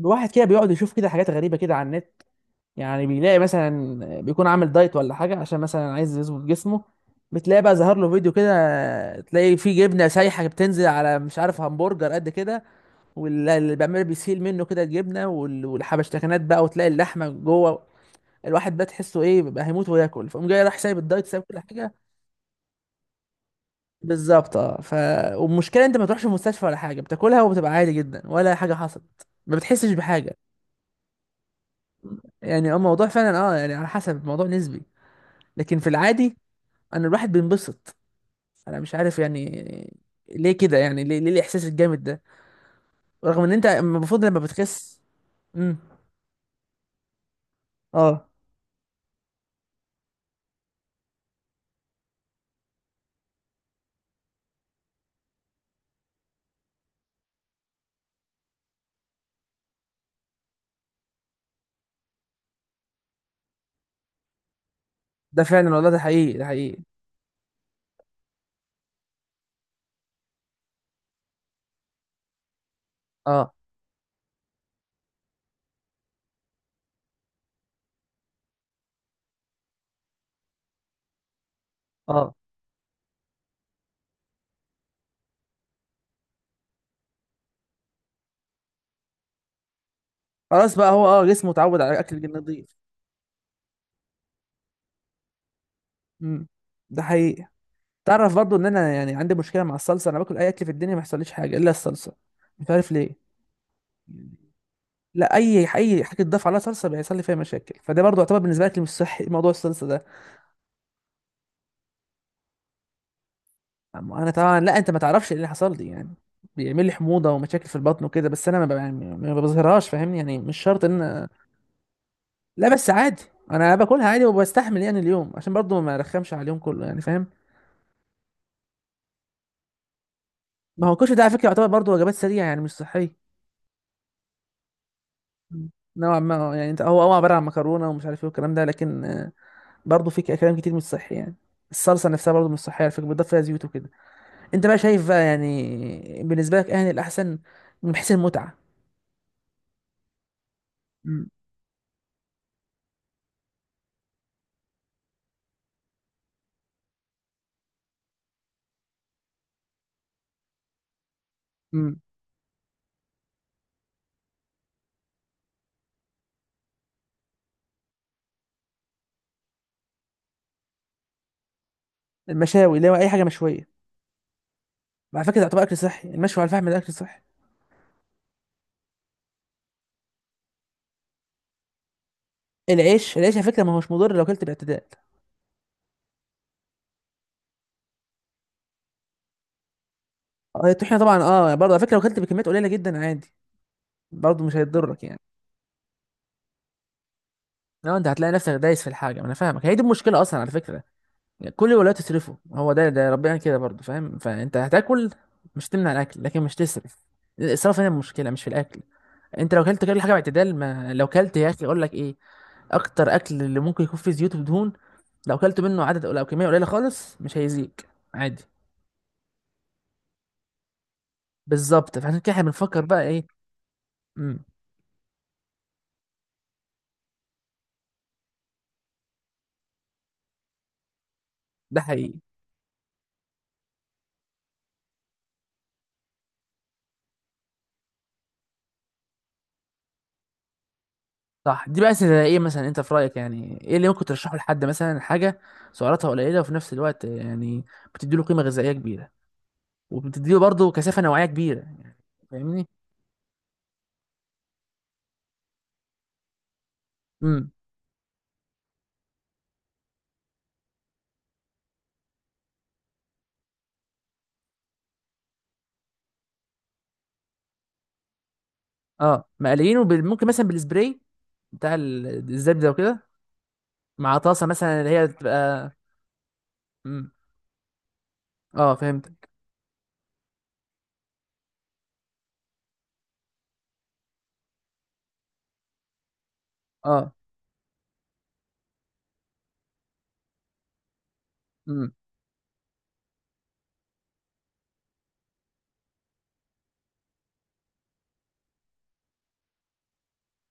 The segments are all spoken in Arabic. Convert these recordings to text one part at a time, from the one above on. الواحد كده بيقعد يشوف كده حاجات غريبة كده على النت. يعني بيلاقي مثلا بيكون عامل دايت ولا حاجة عشان مثلا عايز يظبط جسمه. بتلاقي بقى ظهر له فيديو كده تلاقي فيه جبنة سايحة بتنزل على مش عارف همبرجر قد كده، واللي بيعمل بيسيل منه كده الجبنة والحبشتكنات بقى وتلاقي اللحمة جوه. الواحد بقى تحسه ايه بقى هيموت وياكل، فقوم جاي راح سايب الدايت سايب كل حاجة. بالظبط، اه ف والمشكلة انت ما تروحش المستشفى ولا حاجة، بتاكلها وبتبقى عادي جدا ولا حاجة حصلت، ما بتحسش بحاجة. يعني الموضوع فعلا، يعني على حسب، الموضوع نسبي. لكن في العادي انا الواحد بينبسط. انا مش عارف يعني ليه كده، يعني ليه الاحساس الجامد ده، رغم ان انت المفروض لما بتخس. امم اه. ده فعلا والله، ده حقيقي ده حقيقي. اه اه. خلاص بقى هو اه جسمه اتعود على الاكل النظيف. امم ده حقيقي. تعرف برضو ان انا يعني عندي مشكله مع الصلصه، انا باكل اي اكل في الدنيا ما يحصليش حاجه الا الصلصه. مش عارف ليه. لا اي حاجه تضاف عليها صلصه بيحصل لي فيها مشاكل، فده برضو يعتبر بالنسبه لك مش صحي موضوع الصلصه ده. أما انا طبعا، لا انت ما تعرفش ايه اللي حصل لي يعني، بيعمل لي حموضه ومشاكل في البطن وكده، بس انا ما ب- يعني ما بظهرهاش فاهمني، يعني مش شرط ان أنا- لا، بس عادي. انا باكلها عادي وبستحمل يعني اليوم، عشان برضو ما ارخمش على اليوم كله يعني فاهم. ما هو الكشري ده على فكره يعتبر برضو وجبات سريعه، يعني مش صحيه. مم. نوعا ما، يعني انت، هو عباره عن مكرونه ومش عارف ايه والكلام ده، لكن برضو في كلام كتير مش صحي يعني. الصلصه نفسها برضو مش صحيه على فكره، بتضاف فيها زيوت وكده. انت بقى شايف بقى يعني بالنسبه لك اهل الاحسن من حيث المتعه. مم. مم. المشاوي اللي هو اي حاجه مشويه، على فكره ده يعتبر اكل صحي، المشوي على الفحم ده اكل صحي. العيش على فكره ما هوش مضر لو اكلت باعتدال. الطحينه طبعا اه، برضه على فكره لو اكلت بكميات قليله جدا عادي، برضه مش هيضرك يعني. لو انت هتلاقي نفسك دايس في الحاجه، ما انا فاهمك، هي دي المشكله اصلا على فكره. يعني كل ولا تصرفه هو ده، ده ربنا كده برضه فاهم، فانت هتاكل مش تمنع الاكل لكن مش تسرف. الاسراف هنا المشكله، مش في الاكل. انت لو اكلت كل حاجه باعتدال، ما لو اكلت يا اخي اقول لك ايه، اكتر اكل اللي ممكن يكون فيه زيوت ودهون، لو كلت منه عدد، لو كميه قليله خالص، مش هيزيك عادي. بالظبط، فعشان كده احنا بنفكر بقى ايه. امم ده حقيقي. صح. دي بقى زي ايه مثلا انت في رايك، يعني ايه اللي ممكن ترشحه لحد مثلا، حاجه سعراتها قليله وفي نفس الوقت يعني بتدي له قيمه غذائيه كبيره، وبتدي له برضه كثافه نوعيه كبيره يعني. فاهمني. امم اه مقليينه ممكن مثلا بالسبراي بتاع الزبده ده وكده. مع طاسه مثلا اللي هي بتبقى. امم. اه فهمتك. اه. امم.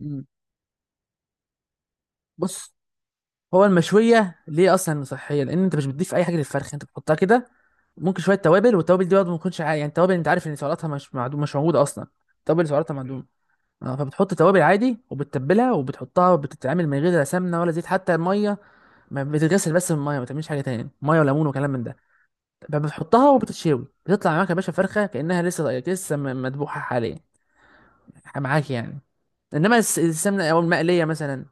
امم. بص، هو المشويه ليه اصلا صحيه، لان انت مش بتضيف اي حاجه للفرخ، انت بتحطها كده. ممكن شويه توابل، والتوابل دي برضه ما تكونش يعني التوابل انت عارف ان سعراتها مش معدوم، مش موجوده اصلا. التوابل سعراتها معدومه. اه فبتحط توابل عادي وبتتبلها وبتحطها، وبتتعمل من غير لا سمنه ولا زيت، حتى الميه ما بتتغسل بس بالميه، ما تعملش حاجه تاني، ميه وليمون وكلام من ده. بتحطها وبتتشوي، بتطلع معاك يا باشا فرخه كانها لسه مذبوحه حاليا، معاك يعني. انما السمنه او المقليه مثلا،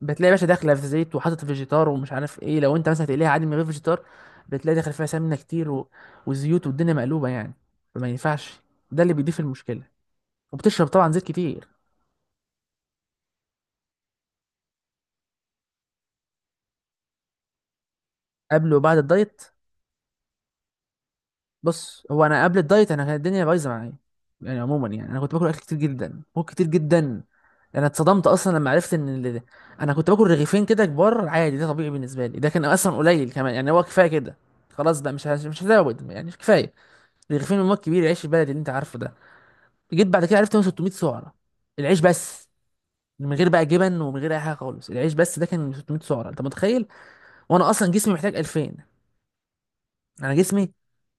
بتلاقي باشا داخله في زيت وحاطط فيجيتار ومش عارف ايه. لو انت مثلا هتقليها عادي من غير فيجيتار، بتلاقي داخل فيها سمنه كتير و... وزيوت والدنيا مقلوبه يعني. فما ينفعش. ده اللي بيضيف المشكله، وبتشرب طبعا زيت كتير. قبل وبعد الدايت، بص هو انا قبل الدايت انا كانت الدنيا بايظه معايا. يعني عموما يعني انا كنت باكل اكل كتير جدا، باكل كتير جدا. انا اتصدمت اصلا لما عرفت ان ال... انا كنت باكل رغيفين كده كبار عادي، ده طبيعي بالنسبه لي، ده كان اصلا قليل كمان يعني، هو كفايه كده، خلاص بقى مش هزود يعني كفايه. رغيفين من مواد كبير، عيش البلد اللي انت عارفه ده. جيت بعد كده عرفت إن هو 600 سعره العيش بس، من غير بقى جبن ومن غير اي حاجه خالص، العيش بس ده كان 600 سعره، انت متخيل؟ وانا اصلا جسمي محتاج 2000. انا جسمي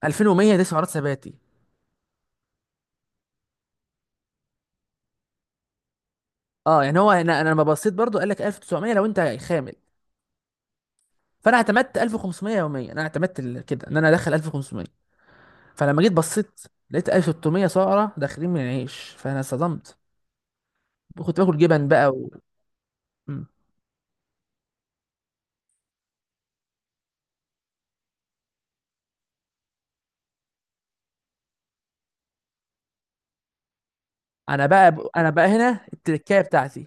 2100 دي سعرات ثباتي. اه يعني هو انا، انا لما بصيت برضو قال لك 1900 لو انت خامل، فانا اعتمدت 1500 يوميا، انا اعتمدت كده ان انا ادخل 1500. فلما جيت بصيت لقيت 1600 سعره داخلين من العيش، فانا صدمت. كنت باكل جبن بقى و... مم. انا بقى هنا التركايه بتاعتي.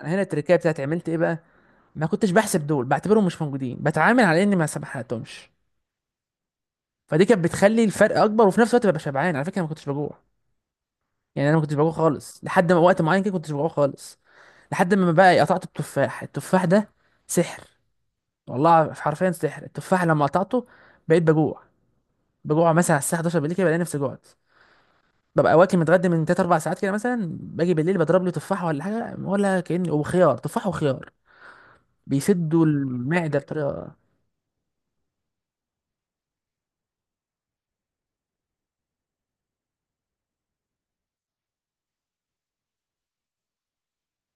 انا هنا التركايه بتاعتي عملت ايه بقى، ما كنتش بحسب دول، بعتبرهم مش موجودين، بتعامل على اني ما سبحتهمش. فدي كانت بتخلي الفرق اكبر، وفي نفس الوقت ببقى شبعان على فكره، انا ما كنتش بجوع. يعني انا ما كنتش بجوع خالص، لحد ما وقت معين كده كنتش بجوع خالص، لحد ما بقى قطعت التفاح. التفاح ده سحر، والله حرفيا سحر. التفاح لما قطعته بقيت بجوع. بجوع مثلا على الساعه 11 بالليل كده، بلاقي نفسي جوعت، ببقى واكل متغدى من 3 4 ساعات كده مثلا. باجي بالليل بضرب لي تفاحه ولا حاجه، ولا كأني، وخيار. تفاح وخيار، بيسدوا المعده بطريقه.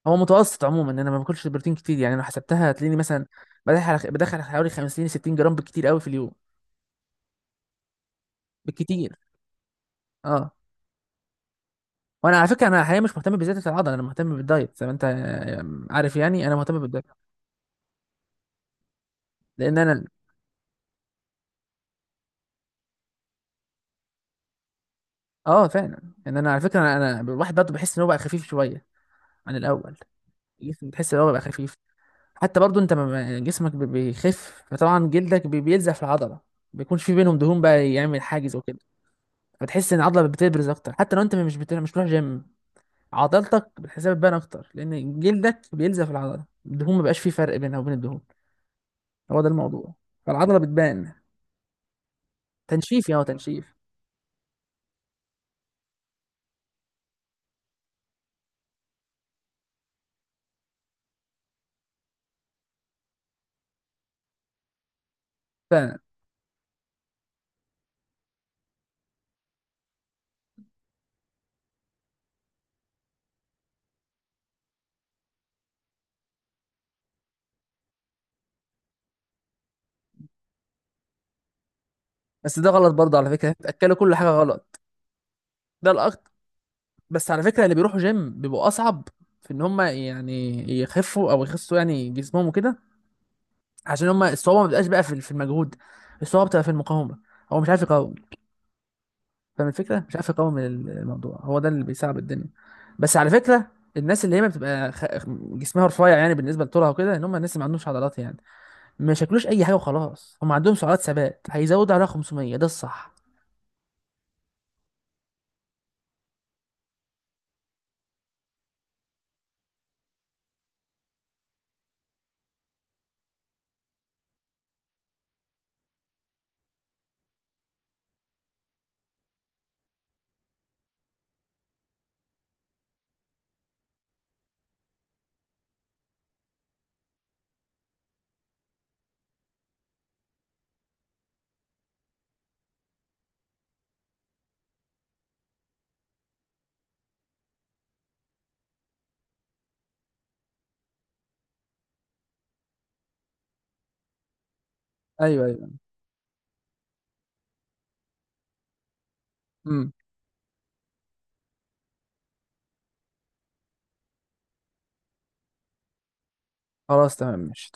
هو متوسط عموما، انا ما باكلش بروتين كتير يعني، لو حسبتها هتلاقيني مثلا بدخل حوالي 50 60 جرام بالكتير قوي في اليوم. بالكتير. اه. وانا على فكره انا حاليا مش مهتم بزياده العضله، انا مهتم بالدايت، زي ما انت عارف يعني، انا مهتم بالدايت، لان انا اه فعلا. ان انا على فكره أنا الواحد برضه بحس ان هو بقى خفيف شويه عن الاول. الجسم بتحس ان هو بقى خفيف. حتى برضه انت جسمك بيخف، فطبعا جلدك بيلزق في العضله، بيكونش في بينهم دهون بقى يعمل حاجز وكده. فتحس ان العضله بتبرز اكتر، حتى لو انت مش بتروح جيم. عضلتك بتحسها بتبان اكتر، لان جلدك بينزف العضله، الدهون ما بقاش فيه فرق بينها وبين الدهون. هو ده الموضوع. فالعضله بتبان. تنشيف، يا هو تنشيف. فعلا. بس ده غلط برضه على فكره، بتاكلوا كل حاجه غلط. ده الاكتر. بس على فكره اللي بيروحوا جيم بيبقوا اصعب في ان هم يعني يخفوا او يخسوا يعني جسمهم وكده. عشان هم الصعوبه ما بتبقاش بقى في المجهود، الصعوبه بتبقى في المقاومه. هو مش عارف يقاوم. فاهم الفكره، مش عارف يقاوم الموضوع، هو ده اللي بيصعب الدنيا. بس على فكره، الناس اللي هي ما بتبقى خ... جسمها رفيع يعني بالنسبه لطولها وكده، ان هم الناس اللي ما عندهمش عضلات يعني، ما يشكلوش اي حاجه وخلاص. هم عندهم سعرات ثبات هيزودوا عليها 500، ده الصح. ايوه ايوه. امم. خلاص تمام ماشي.